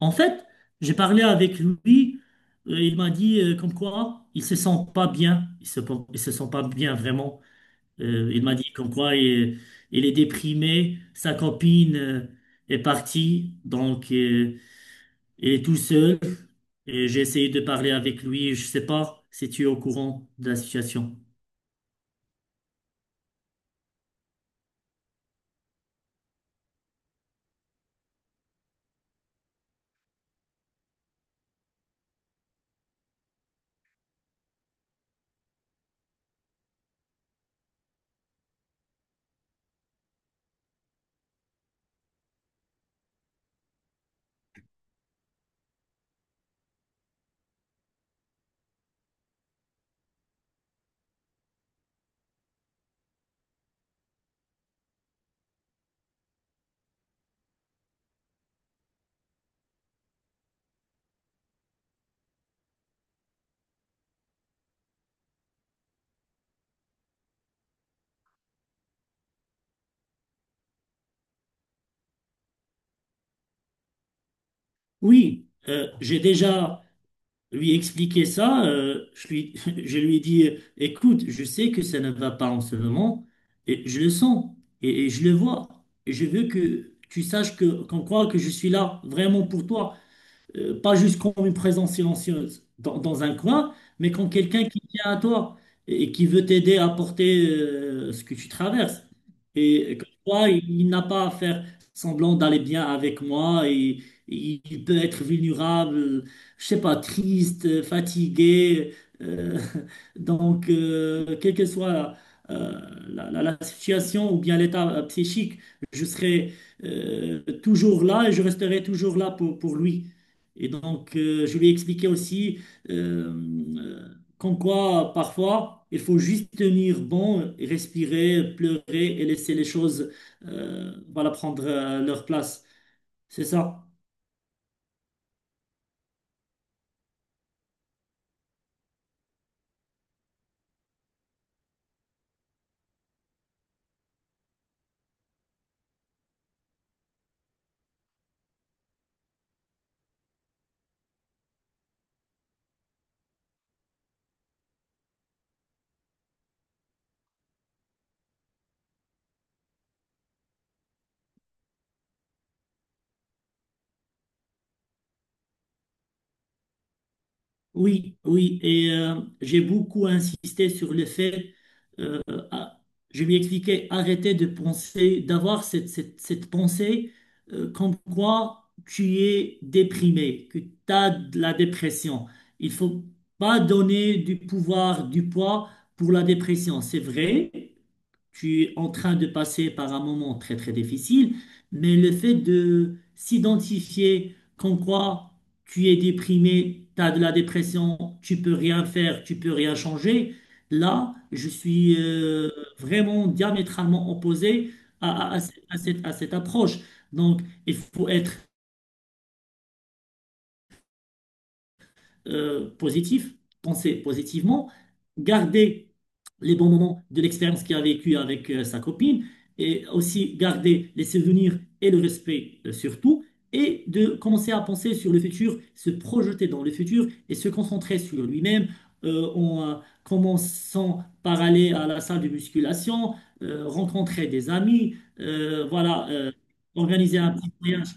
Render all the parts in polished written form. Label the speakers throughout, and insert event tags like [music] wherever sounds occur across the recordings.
Speaker 1: En fait, j'ai parlé avec lui. Il m'a dit comme quoi il se sent pas bien. Il se sent pas bien vraiment. Il m'a dit il est déprimé. Sa copine est partie, donc il est tout seul. Et j'ai essayé de parler avec lui. Je sais pas si tu es au courant de la situation. Oui, j'ai déjà lui expliquer ça, je lui, [laughs] je lui ai dit, écoute, je sais que ça ne va pas en ce moment, et je le sens, et je le vois, et je veux que tu saches que, qu'on croit que je suis là vraiment pour toi pas juste comme une présence silencieuse dans un coin, mais comme quelqu'un qui tient à toi et qui veut t'aider à porter ce que tu traverses. Et que toi, il n'a pas à faire semblant d'aller bien avec moi et il peut être vulnérable, je sais pas, triste, fatigué. euh, [laughs] donc, quelle que soit euh, la situation ou bien l'état psychique, je serai toujours là et je resterai toujours là pour lui. Et donc, je lui ai expliqué aussi euh, euh, qu'en quoi, parfois, il faut juste tenir bon, et respirer, pleurer et laisser les choses voilà, prendre leur place. C'est ça. Oui, oui, et j'ai beaucoup insisté sur le fait, euh, à- je lui expliquais, arrêtez de penser, d'avoir cette pensée comme quoi tu es déprimé, que tu as de la dépression. Il faut pas donner du pouvoir, du poids pour la dépression. C'est vrai, tu es en train de passer par un moment très très difficile, mais le fait de s'identifier comme quoi tu es déprimé, tu as de la dépression, tu peux rien faire, tu peux rien changer, là, je suis vraiment diamétralement opposé à à cette approche. Donc, il faut être positif, penser positivement, garder les bons moments de l'expérience qu'il a vécue avec sa copine, et aussi garder les souvenirs et le respect surtout, et de commencer à penser sur le futur, se projeter dans le futur et se concentrer sur lui-même en commençant par aller à la salle de musculation, rencontrer des amis, voilà, organiser un petit voyage.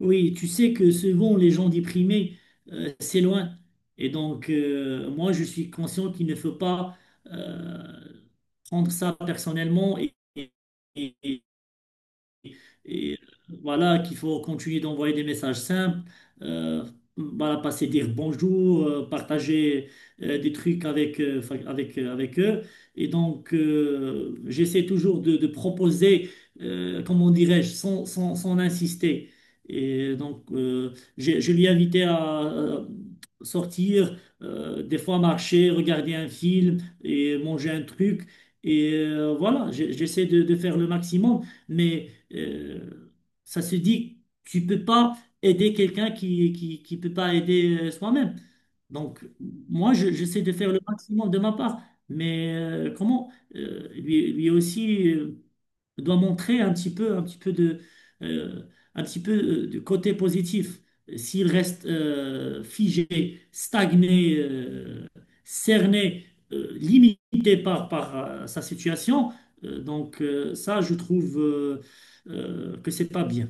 Speaker 1: Oui, tu sais que souvent les gens déprimés, c'est loin. Et donc, moi, je suis conscient qu'il ne faut pas euh, prendre ça personnellement et voilà qu'il faut continuer d'envoyer des messages simples, euh, voilà, passer dire bonjour, partager des trucs avec, enfin, avec, avec eux. Et donc, j'essaie toujours de proposer, comment dirais-je, sans insister. Et donc, je l'ai invité à sortir, des fois marcher, regarder un film et manger un truc. Et voilà, j'essaie de faire le maximum, mais... Euh, ça se dit, tu peux pas aider quelqu'un qui peut pas aider soi-même. Donc, moi, j'essaie de faire le maximum de ma part. Mais comment lui, lui aussi. Doit montrer un petit peu de, euh, un petit peu de côté positif. S'il reste figé, stagné, cerné, limité par, par sa situation, donc ça, je trouve que c'est pas bien.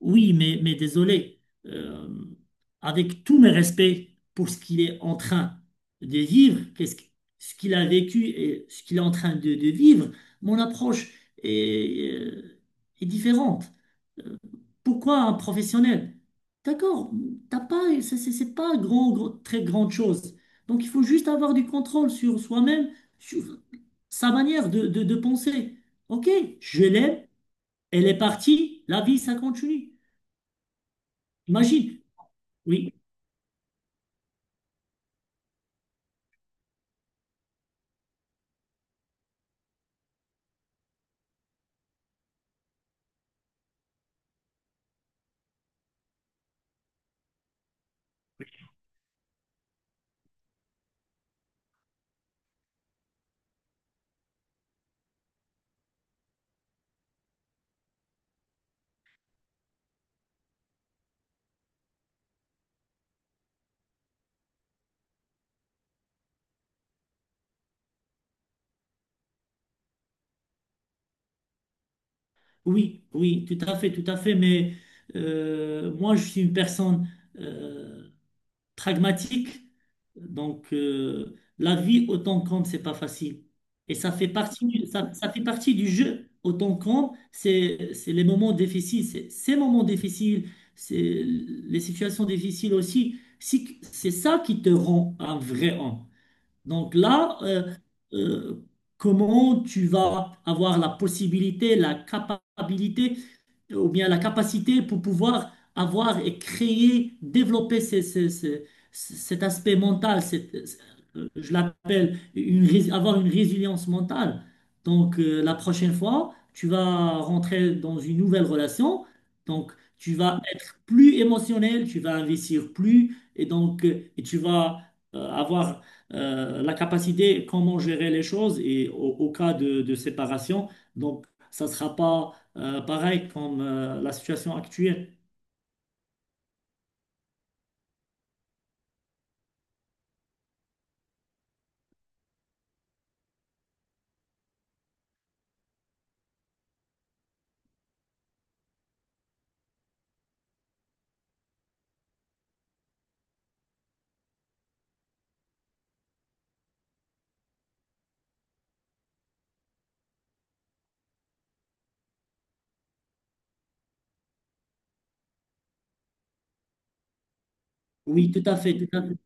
Speaker 1: Oui, mais désolé, avec tous mes respects pour ce qu'il est en train de vivre, ce qu'il a vécu et ce qu'il est en train de vivre, mon approche est, est différente. Euh, Pourquoi un professionnel? D'accord, t'as pas, c'est pas très grande chose. Donc il faut juste avoir du contrôle sur soi-même, sur sa manière de penser. Ok, je l'aime, elle est partie, la vie, ça continue. Magie, oui, oui, oui, tout à fait, tout à fait. Mais moi, je suis une personne euh, pragmatique. Donc, la vie autant compte, c'est pas facile. Et ça fait partie du, ça fait partie du jeu. Autant compte, c'est les moments difficiles, c'est ces moments difficiles, c'est les situations difficiles aussi. C'est ça qui te rend un vrai homme. Donc là, euh, comment tu vas avoir la possibilité, la capacité ou bien la capacité pour pouvoir avoir et créer, développer cet aspect mental, je l'appelle une, avoir une résilience mentale. Donc, la prochaine fois, tu vas rentrer dans une nouvelle relation, donc tu vas être plus émotionnel, tu vas investir plus, et donc et tu vas avoir la capacité comment gérer les choses et au cas de séparation. Donc, ça ne sera pas pareil comme la situation actuelle. Oui, tout à fait, tout à fait.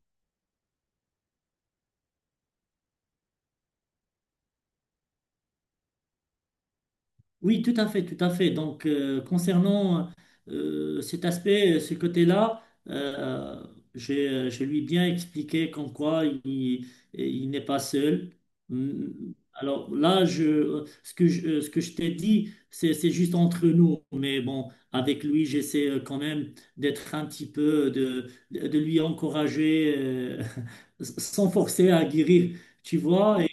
Speaker 1: Oui, tout à fait, tout à fait. Donc, concernant cet aspect, ce côté-là, je lui ai bien expliqué il n'est pas seul. Mm, alors là, ce que je t'ai dit, c'est juste entre nous. Mais bon, avec lui, j'essaie quand même d'être un petit peu, de lui encourager [laughs] sans forcer à guérir, tu vois. Et,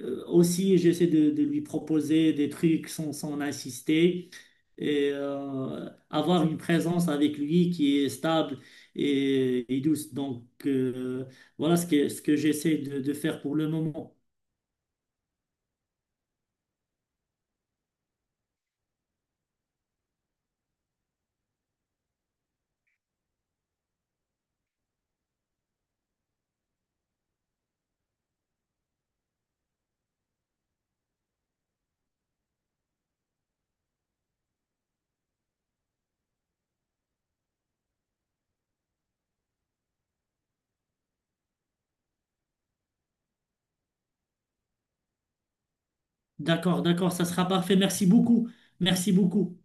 Speaker 1: aussi, j'essaie de lui proposer des trucs sans insister et avoir une présence avec lui qui est stable et douce. Donc, voilà ce que j'essaie de faire pour le moment. D'accord, d'accord, ça sera parfait. Merci beaucoup. Merci beaucoup.